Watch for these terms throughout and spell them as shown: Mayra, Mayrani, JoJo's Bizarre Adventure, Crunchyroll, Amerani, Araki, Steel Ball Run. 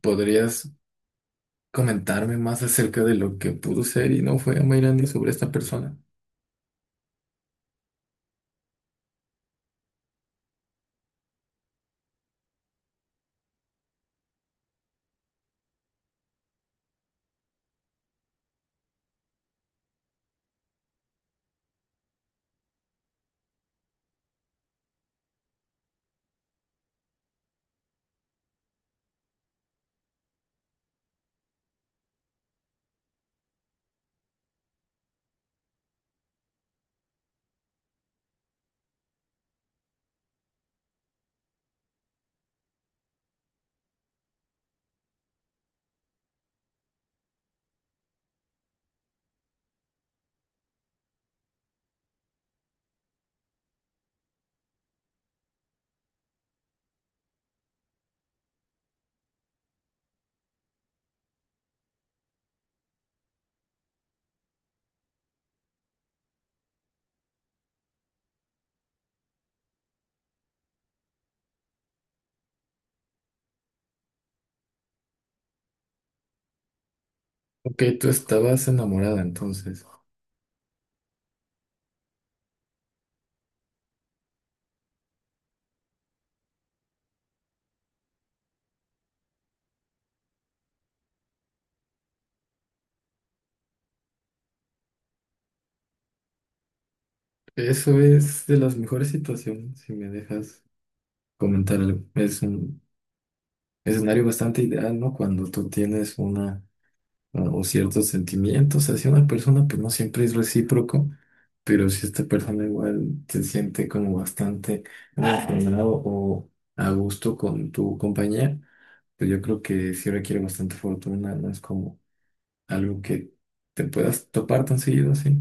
¿Podrías comentarme más acerca de lo que pudo ser y no fue a Mayrandi sobre esta persona? Ok, tú estabas enamorada entonces. Eso es de las mejores situaciones, si me dejas comentar algo. Es un escenario bastante ideal, ¿no? Cuando tú tienes una o ciertos sentimientos hacia una persona, pues no siempre es recíproco, pero si esta persona igual se siente como bastante emocionado o a gusto con tu compañía. Pero yo creo que sí requiere bastante fortuna, no es como algo que te puedas topar tan seguido así.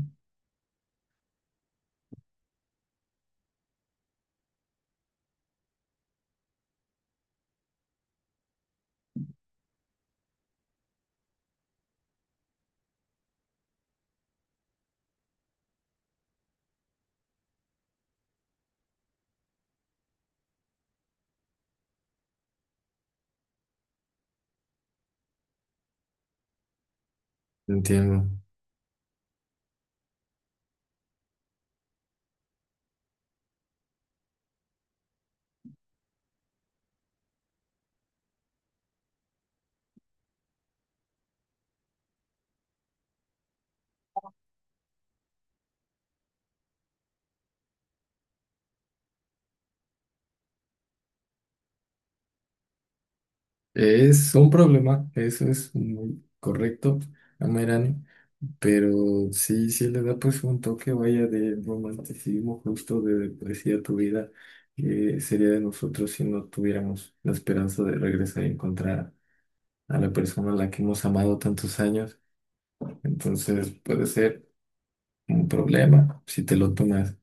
Entiendo. Es un problema, eso es muy correcto, Amerani, pero sí, sí le da pues un toque, vaya, de romanticismo justo, de poesía a tu vida. Que sería de nosotros si no tuviéramos la esperanza de regresar y encontrar a la persona a la que hemos amado tantos años? Entonces puede ser un problema si te lo tomas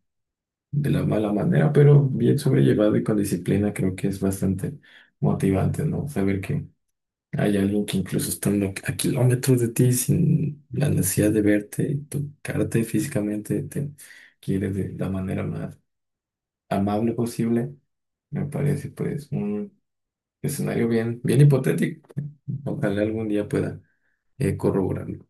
de la mala manera, pero bien sobrellevado y con disciplina creo que es bastante motivante, ¿no? Saber que hay alguien que incluso estando a kilómetros de ti, sin la necesidad de verte, y tocarte físicamente, te quiere de la manera más amable posible, me parece pues un escenario bien, bien hipotético. Ojalá algún día pueda corroborarlo.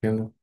Bueno.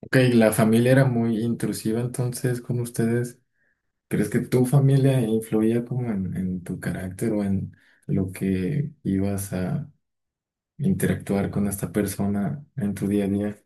Ok, la familia era muy intrusiva entonces con ustedes. ¿Crees que tu familia influía como en tu carácter o en lo que ibas a interactuar con esta persona en tu día a día?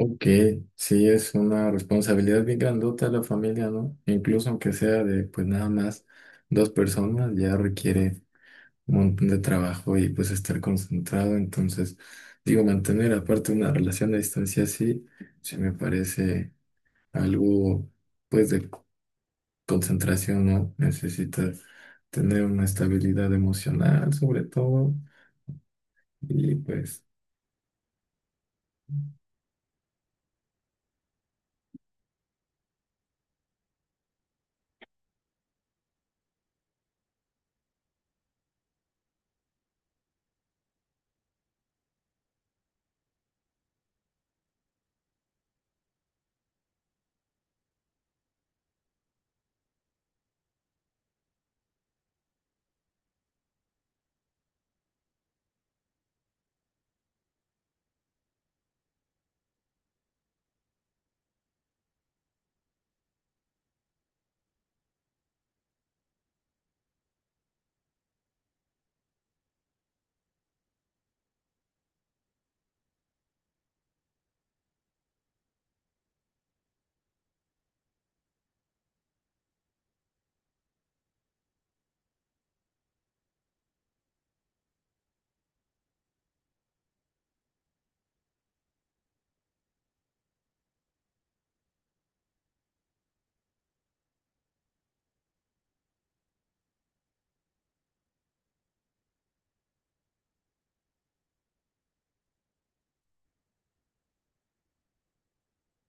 Ok, sí es una responsabilidad bien grandota la familia, ¿no? Incluso aunque sea de pues nada más dos personas, ya requiere un montón de trabajo y pues estar concentrado. Entonces, digo, mantener aparte una relación a distancia así, sí me parece algo pues de concentración, ¿no? Necesitas tener una estabilidad emocional, sobre todo, y pues,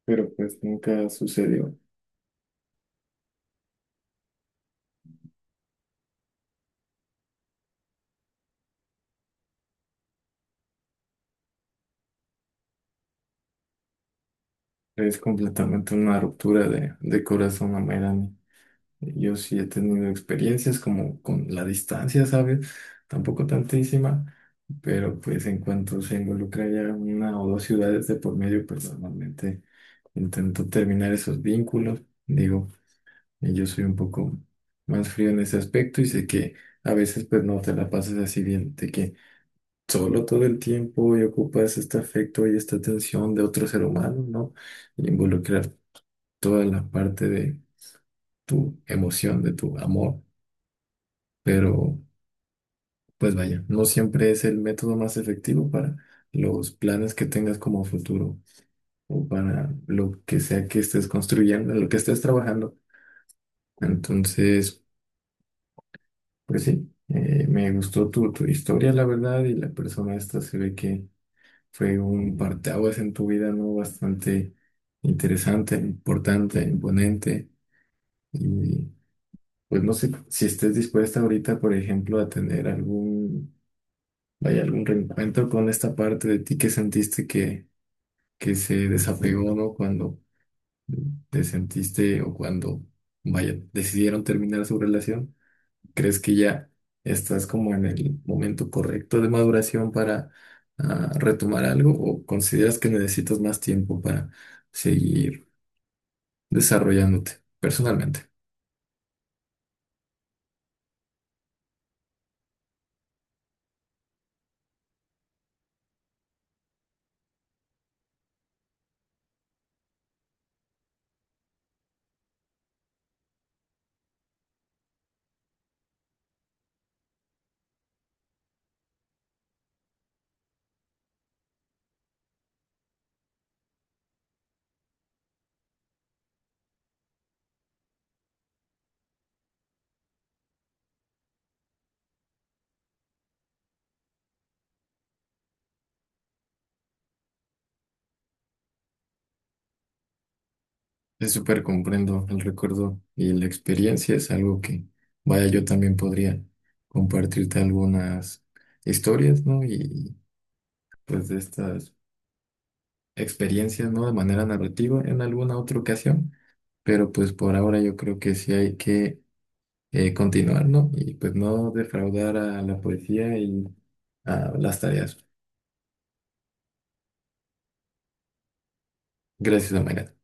pero pues nunca sucedió. Es completamente una ruptura de corazón a Mayrani. Yo sí he tenido experiencias como con la distancia, ¿sabes? Tampoco tantísima, pero pues en cuanto se involucra ya una o dos ciudades de por medio, pues normalmente intento terminar esos vínculos. Digo, y yo soy un poco más frío en ese aspecto y sé que a veces pues no te la pasas así bien, de que solo todo el tiempo y ocupas este afecto y esta atención de otro ser humano, ¿no? Y involucrar toda la parte de tu emoción, de tu amor, pero pues vaya, no siempre es el método más efectivo para los planes que tengas como futuro o para lo que sea que estés construyendo, en lo que estés trabajando. Entonces... Pues sí, me gustó tu, tu historia, la verdad, y la persona esta se ve que fue un parteaguas en tu vida, ¿no? Bastante interesante, importante, imponente. Y pues no sé si estés dispuesta ahorita, por ejemplo, a tener algún, vaya, algún reencuentro con esta parte de ti que sentiste que se desapegó, ¿no? Cuando te sentiste o cuando, vaya, decidieron terminar su relación. ¿Crees que ya estás como en el momento correcto de maduración para retomar algo o consideras que necesitas más tiempo para seguir desarrollándote personalmente? Es súper comprendo el recuerdo y la experiencia es algo que, vaya, yo también podría compartirte algunas historias, ¿no? Y pues de estas experiencias, ¿no? De manera narrativa en alguna otra ocasión, pero pues por ahora yo creo que sí hay que continuar, ¿no? Y pues no defraudar a la poesía y a las tareas. Gracias, Mayra.